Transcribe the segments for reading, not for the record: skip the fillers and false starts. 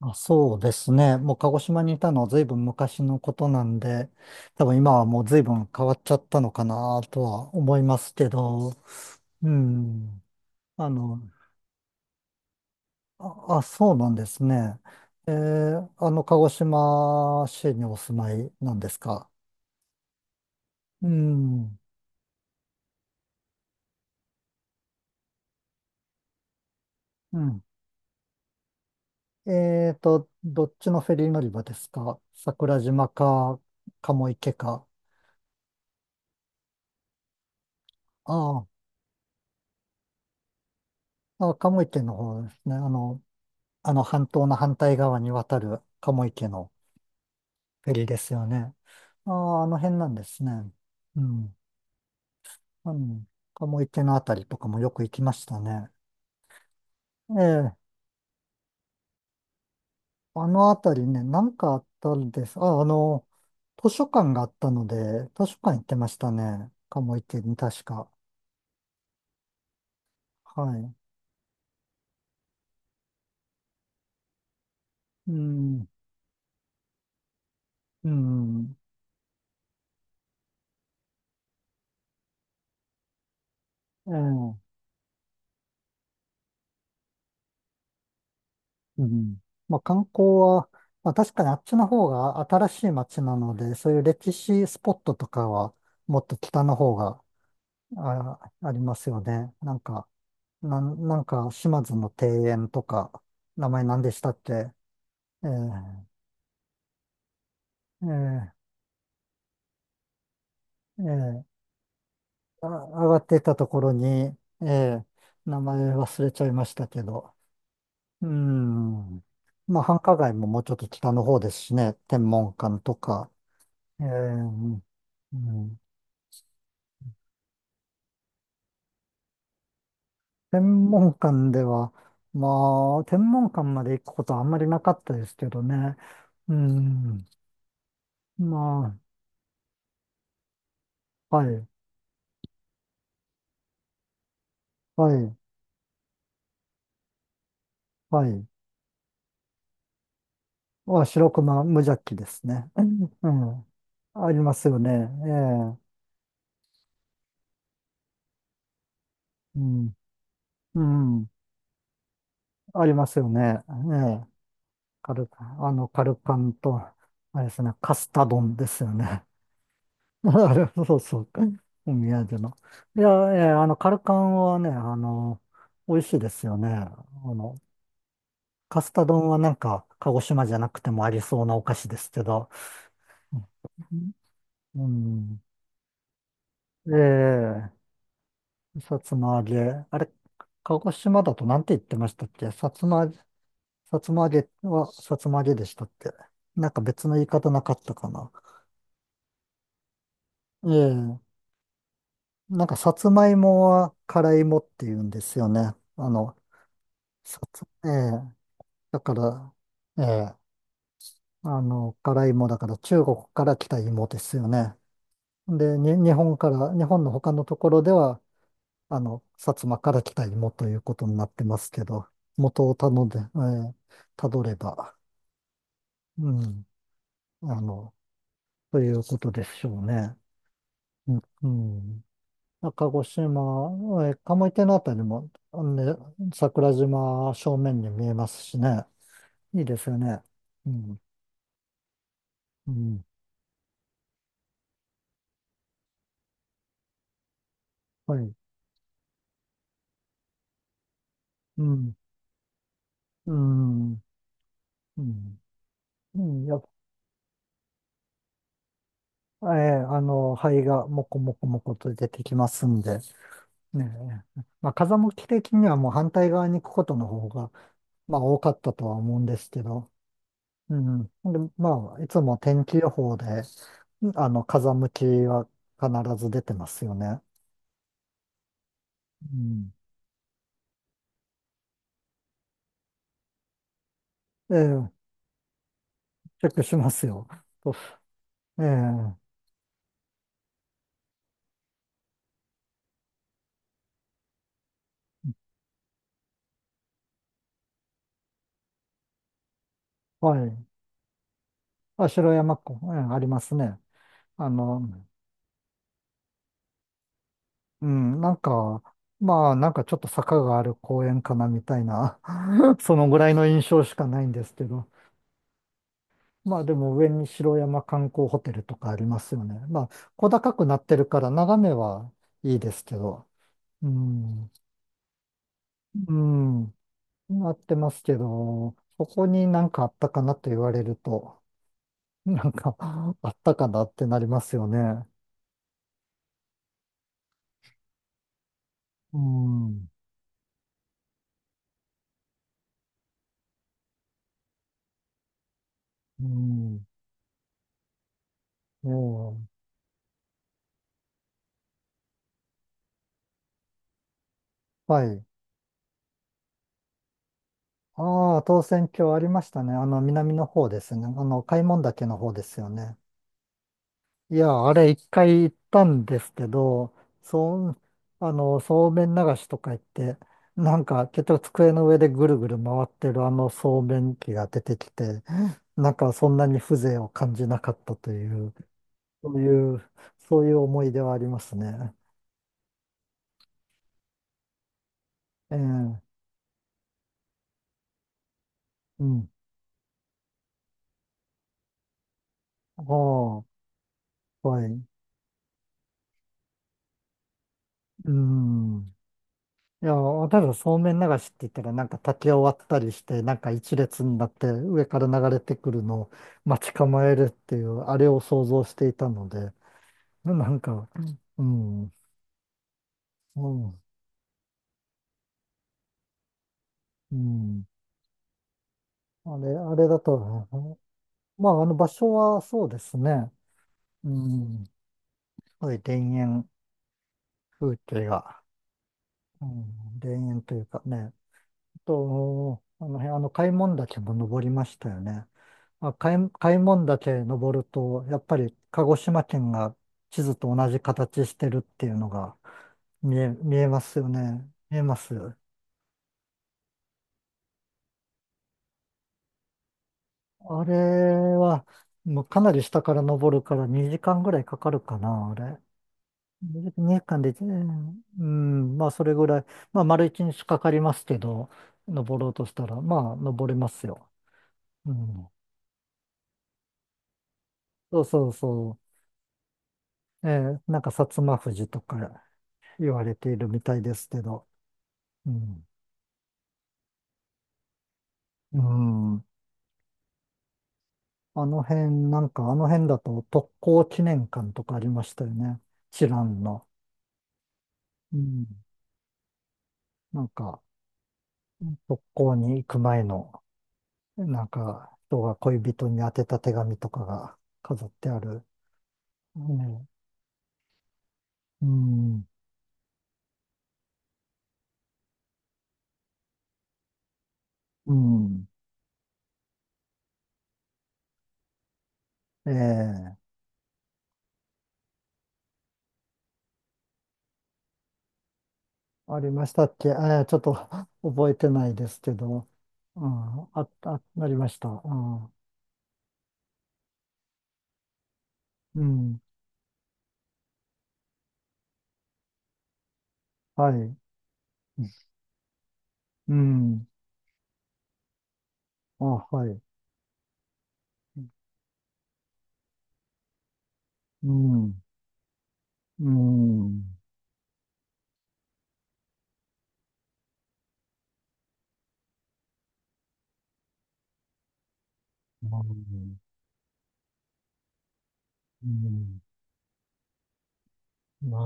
あ、そうですね。もう鹿児島にいたのは随分昔のことなんで、多分今はもう随分変わっちゃったのかなとは思いますけど、うん。あの、あ、そうなんですね。鹿児島市にお住まいなんですか。うん。うん。えーと、どっちのフェリー乗り場ですか、桜島か、鴨池か。ああ、あ、鴨池の方ですね。あの半島の反対側に渡る鴨池のフェリーですよね。ああ、あの辺なんですね。うん。うん。鴨池のあたりとかもよく行きましたね。ええ。あのあたりね、なんかあったんです。図書館があったので、図書館行ってましたね。鴨池に確か。はい。うん。うん。ええ。うん。まあ、観光は、まあ、確かにあっちの方が新しい街なので、そういう歴史スポットとかはもっと北の方がありますよね。なんか島津の庭園とか、名前何でしたっけ？えええええあ、上がってたところに、ええ名前忘れちゃいましたけど。うん。まあ、繁華街ももうちょっと北の方ですしね、天文館とか。ええうん天文館では、まあ、天文館まで行くことはあんまりなかったですけどね。うん。まあ、はい、はい、はい。まあ、白熊無邪気ですね。うん。うん、ありますよね。ええ。うん。うん。ありますよね。ええ。カル、あの、カルパンと、あれですね、カスタ丼ですよね。あれ、そうそうか。お宮産の。いや、ええ、カルカンはね、あの、美味しいですよね。あの、カスタ丼はなんか、鹿児島じゃなくてもありそうなお菓子ですけど。うん。うん、ええ、さつま揚げ。あれ、鹿児島だとなんて言ってましたっけ？さつま揚げはさつま揚げでしたっけ？なんか別の言い方なかったかな。ええなんかさつまいもは辛いもって言うんですよね。あの、さつ、ええだから、ええあの、辛いもだから中国から来た芋ですよね。で、日本から、日本の他のところでは、あの、薩摩から来た芋ということになってますけど、元をたので、えー、たどれば、うん、あの、ということでしょうね。うん。うん、鹿児島、えー、鴨池のあたりも、あのね、桜島正面に見えますしね。いいですよね。うん、うん、はい、うん、うん、うん。うん、やっぱあの、灰がもこもこもこと出てきますんで。ねえ。まあ、風向き的にはもう反対側に行くことの方が、まあ、多かったとは思うんですけど、うん。で、まあ、いつも天気予報で、あの、風向きは必ず出てますよね。うん。ええ、チェックしますよ。とええ、はい。あ、城山湖、ええ、ありますね。あの、うん、なんか、まあ、なんかちょっと坂がある公園かなみたいな、そのぐらいの印象しかないんですけど、まあでも上に城山観光ホテルとかありますよね。まあ小高くなってるから眺めはいいですけど。うん。うん。なってますけど、ここになんかあったかなと言われると、なんか あったかなってなりますよね。うん。うん。もう、はい。ああ、当選挙ありましたね。あの南の方ですね。あの開聞岳の方ですよね。いや、あれ一回行ったんですけど、そう、あの、そうめん流しとか言って、なんか結局机の上でぐるぐる回ってるあのそうめん機が出てきて、なんかそんなに風情を感じなかったという、そういう、そういう思い出はありますね。ええ、うん。ああ、はい。うん。いや、ただそうめん流しって言ったら、なんか竹を割ったりして、なんか一列になって上から流れてくるのを待ち構えるっていう、あれを想像していたので、なんか、うん、うん、うん、あれだと、まあ、あの場所はそうですね、うん、すごい田園風景が、うん、田園というかね、あの辺、あの、開聞岳も登りましたよね。開聞岳登ると、やっぱり鹿児島県が地図と同じ形してるっていうのが見えますよね。見えます。あれは、もうかなり下から登るから2時間ぐらいかかるかな、あれ。2時間で、うんうん、まあそれぐらい、まあ丸一日かかりますけど、登ろうとしたら、まあ登れますよ。うん。そうそうそう。えーなんか薩摩富士とか言われているみたいですけど、うん。うん。あの辺、なんかあの辺だと特攻記念館とかありましたよね。知覧の。うん。なんか、特攻に行く前の、なんか、人が恋人に宛てた手紙とかが飾ってある。ね、うん。うん。ええ、ありましたっけ？ちょっと 覚えてないですけど。うん。あ、あ、なりました。うん。うん、はい。うん。あ、はい。うん。うん。うん。うん。ま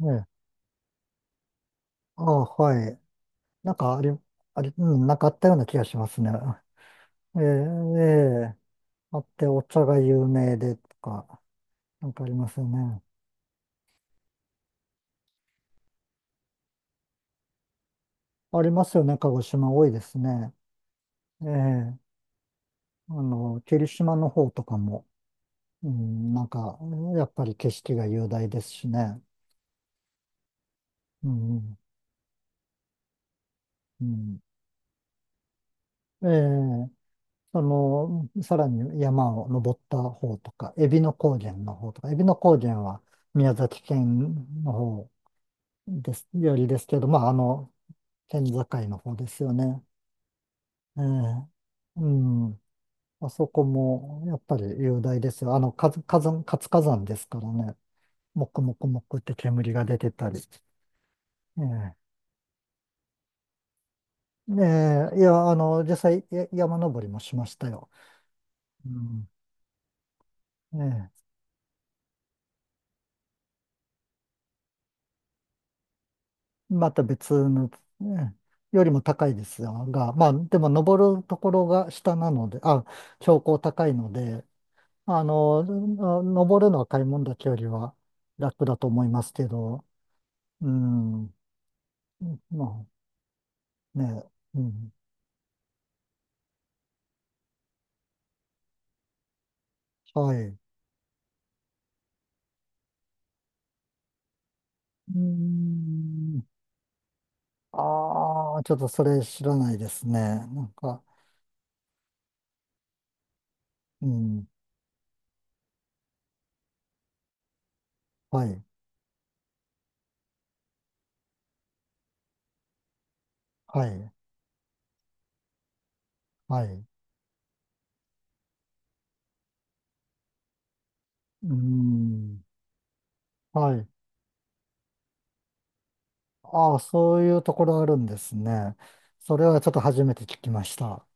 あ、ね。あ、はい。なんかあり、あり、うん、なんかあったような気がしますね。ええ、ええ。あって、お茶が有名でとか、なんかありますよね。ありますよね。鹿児島多いですね。ええ。あの、霧島の方とかも、うん、なんか、やっぱり景色が雄大ですしね。うん。うん。ええ。その、さらに山を登った方とか、海老野高原の方とか、海老野高原は宮崎県の方です、よりですけど、まあ、あの、県境の方ですよね。ええ。うん。あそこも、やっぱり雄大ですよ。あの、活火山ですからね。もくもくもくって煙が出てたり。ええ。ええ、いや、あの、実際、山登りもしましたよ。うん。ええ。また別の、ねよりも高いですが、まあ、でも登るところが下なので、あ、標高高いので、あの、登るのは買い物だけよりは楽だと思いますけど、うん、まあね、うん、はい。うーん、ああ、ちょっとそれ知らないですね。なんか、うん、はい、はい、はい、うーん、はい。ああ、そういうところあるんですね。それはちょっと初めて聞きました。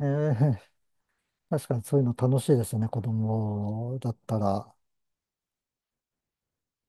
ええ、確かにそういうの楽しいですよね。子供だったら。